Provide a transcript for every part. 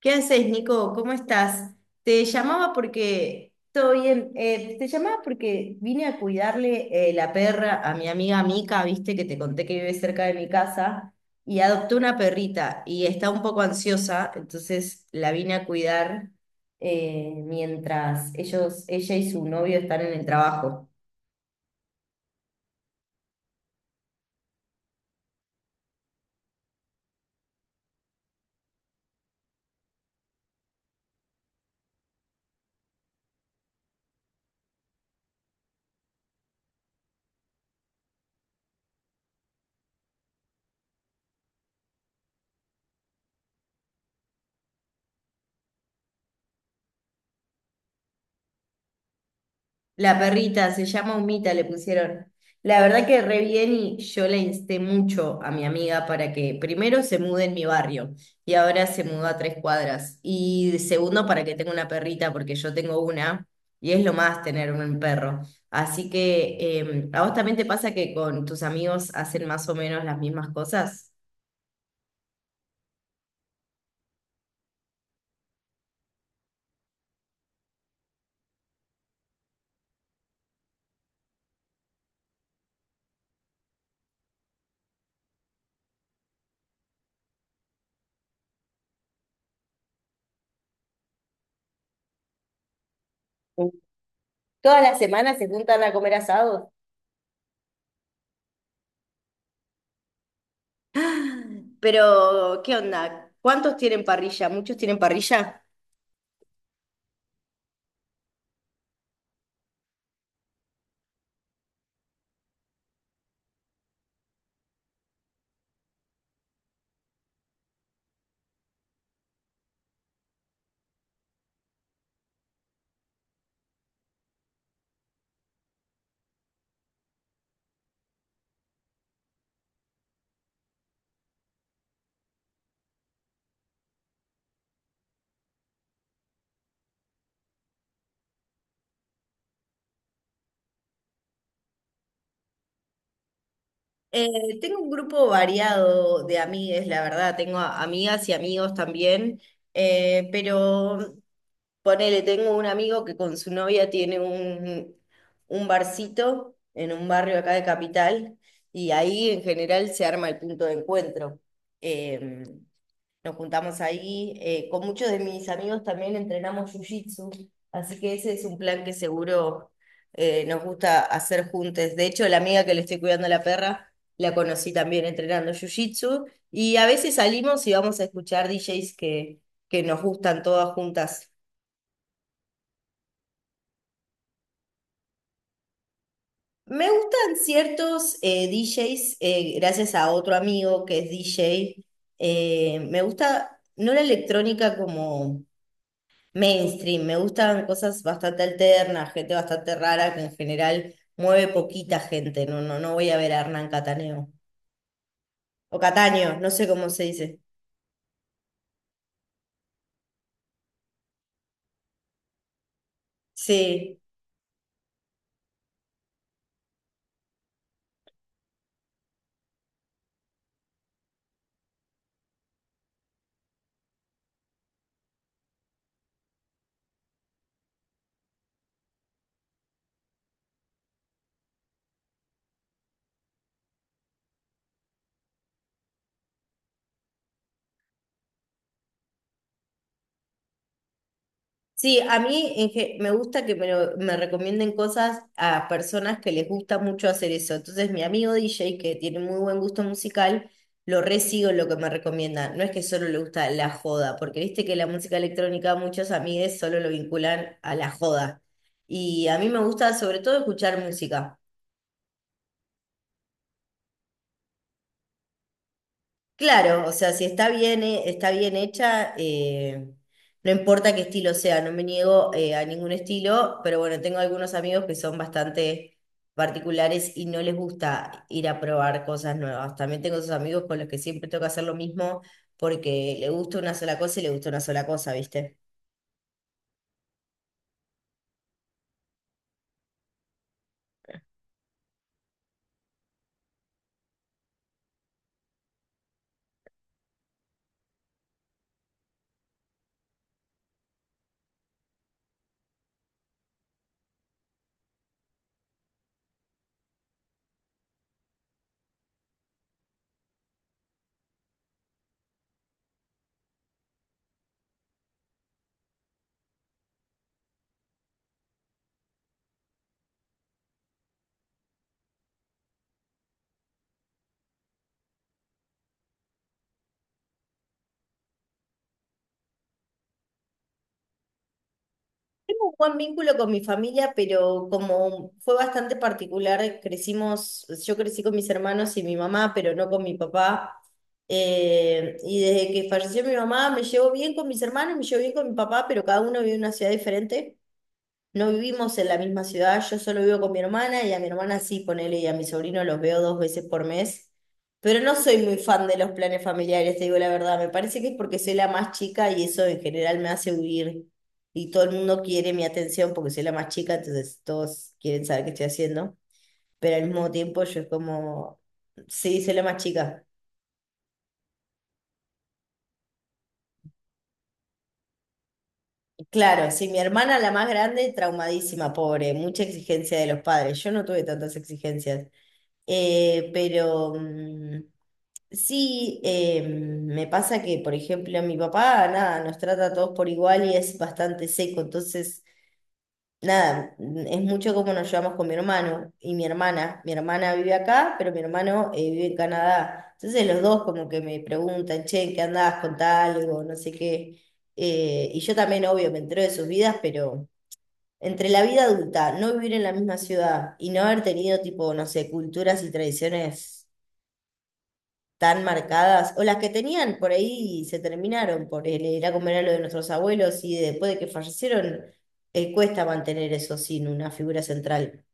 ¿Qué haces, Nico? ¿Cómo estás? Te llamaba porque, todo bien, te llamaba porque vine a cuidarle la perra a mi amiga Mica, viste que te conté que vive cerca de mi casa, y adoptó una perrita y está un poco ansiosa, entonces la vine a cuidar mientras ellos, ella y su novio están en el trabajo. La perrita se llama Humita, le pusieron. La verdad que re bien y yo la insté mucho a mi amiga para que primero se mude en mi barrio y ahora se mudó a tres cuadras. Y segundo, para que tenga una perrita, porque yo tengo una y es lo más tener un perro. Así que, ¿a vos también te pasa que con tus amigos hacen más o menos las mismas cosas? Todas las semanas se juntan a comer asados. Pero, ¿qué onda? ¿Cuántos tienen parrilla? ¿Muchos tienen parrilla? Eh, tengo un grupo variado de amigues, la verdad, tengo amigas y amigos también, pero ponele, tengo un amigo que con su novia tiene un barcito en un barrio acá de Capital y ahí en general se arma el punto de encuentro. Em, nos juntamos ahí. Con muchos de mis amigos también entrenamos jiu-jitsu, así que ese es un plan que seguro nos gusta hacer juntos. De hecho, la amiga que le estoy cuidando a la perra, la conocí también entrenando jiu-jitsu. Y a veces salimos y vamos a escuchar DJs que nos gustan todas juntas. Me gustan ciertos DJs, gracias a otro amigo que es DJ. Me gusta, no la electrónica como mainstream. Me gustan cosas bastante alternas, gente bastante rara que en general mueve poquita gente. No voy a ver a Hernán Cataneo. O Cataño, no sé cómo se dice. Sí. Sí, a mí en me gusta que me, me recomienden cosas a personas que les gusta mucho hacer eso. Entonces, mi amigo DJ, que tiene muy buen gusto musical, lo re sigo en lo que me recomienda. No es que solo le gusta la joda, porque viste que la música electrónica muchos amigues solo lo vinculan a la joda. Y a mí me gusta sobre todo escuchar música. Claro, o sea, si está bien, está bien hecha, no importa qué estilo sea, no me niego a ningún estilo, pero bueno, tengo algunos amigos que son bastante particulares y no les gusta ir a probar cosas nuevas. También tengo esos amigos con los que siempre tengo que hacer lo mismo porque le gusta una sola cosa y le gusta una sola cosa, ¿viste? Tengo un buen vínculo con mi familia, pero como fue bastante particular, crecimos, yo crecí con mis hermanos y mi mamá, pero no con mi papá. Y desde que falleció mi mamá me llevo bien con mis hermanos, me llevo bien con mi papá, pero cada uno vive en una ciudad diferente. No vivimos en la misma ciudad, yo solo vivo con mi hermana y a mi hermana sí, ponele, y a mi sobrino los veo dos veces por mes. Pero no soy muy fan de los planes familiares, te digo la verdad. Me parece que es porque soy la más chica y eso en general me hace huir. Y todo el mundo quiere mi atención porque soy la más chica, entonces todos quieren saber qué estoy haciendo. Pero al mismo tiempo yo es como, sí, soy la más chica. Claro, sí, mi hermana la más grande, traumadísima, pobre, mucha exigencia de los padres. Yo no tuve tantas exigencias. Eh, pero mm, sí, me pasa que, por ejemplo, mi papá, nada, nos trata a todos por igual y es bastante seco. Entonces, nada, es mucho como nos llevamos con mi hermano y mi hermana. Mi hermana vive acá, pero mi hermano vive en Canadá. Entonces, los dos como que me preguntan, che, ¿en ¿qué andás? Contá algo, no sé qué. Y yo también, obvio, me entero de sus vidas, pero entre la vida adulta, no vivir en la misma ciudad y no haber tenido, tipo, no sé, culturas y tradiciones tan marcadas, o las que tenían por ahí y se terminaron por el ir a comer a lo de nuestros abuelos y después de que fallecieron, cuesta mantener eso sin una figura central.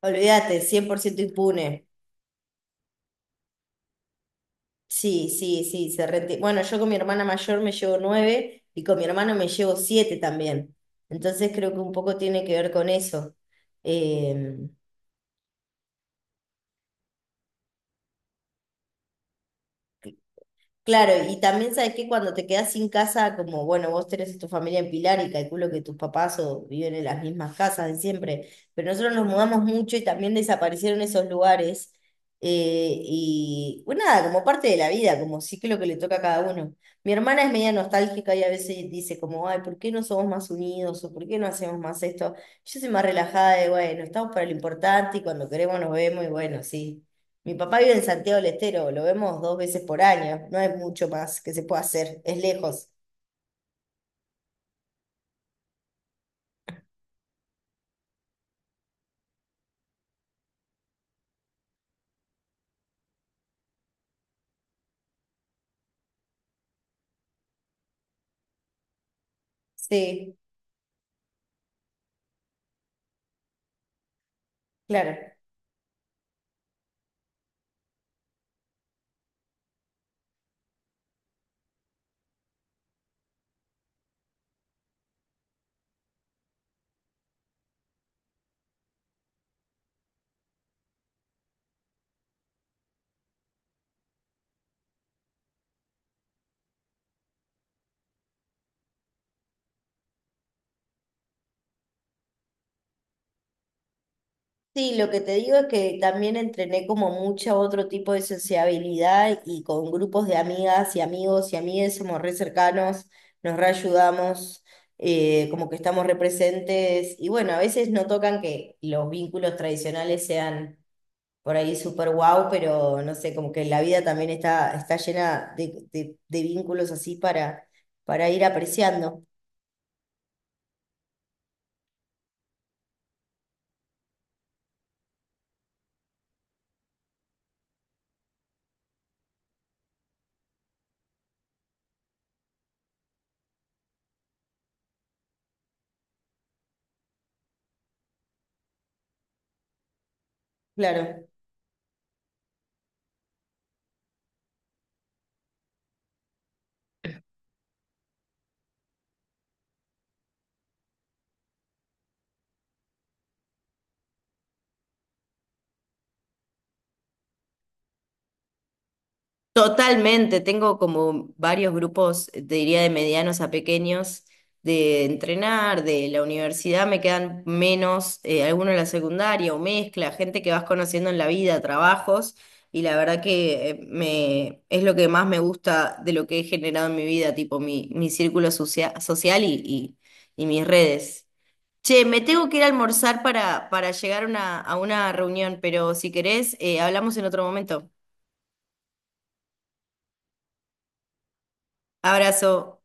Olvídate, cien por ciento impune. Sí, sí, sí, bueno, yo con mi hermana mayor me llevo nueve y con mi hermano me llevo siete también. Entonces creo que un poco tiene que ver con eso. Em, Claro, y también sabes que cuando te quedas sin casa, como bueno, vos tenés a tu familia en Pilar y calculo que tus papás o viven en las mismas casas de siempre, pero nosotros nos mudamos mucho y también desaparecieron esos lugares. Y bueno, nada, como parte de la vida, como ciclo que le toca a cada uno. Mi hermana es media nostálgica y a veces dice como, ay, ¿por qué no somos más unidos? ¿O por qué no hacemos más esto? Yo soy más relajada de, bueno, estamos para lo importante y cuando queremos nos vemos y bueno, sí. Mi papá vive en Santiago del Estero, lo vemos dos veces por año, no hay mucho más que se pueda hacer, es lejos. Sí, claro. Sí, lo que te digo es que también entrené como mucha otro tipo de sociabilidad y con grupos de amigas y amigos y amigues somos re cercanos, nos reayudamos, como que estamos re presentes y bueno, a veces no tocan que los vínculos tradicionales sean por ahí súper guau, pero no sé, como que la vida también está, está llena de, de vínculos así para ir apreciando. Claro. Totalmente, tengo como varios grupos, te diría de medianos a pequeños, de entrenar, de la universidad me quedan menos, algunos de la secundaria o mezcla, gente que vas conociendo en la vida, trabajos, y la verdad que es lo que más me gusta de lo que he generado en mi vida, tipo mi círculo social y mis redes. Che, me tengo que ir a almorzar para llegar a a una reunión, pero si querés, hablamos en otro momento. Abrazo.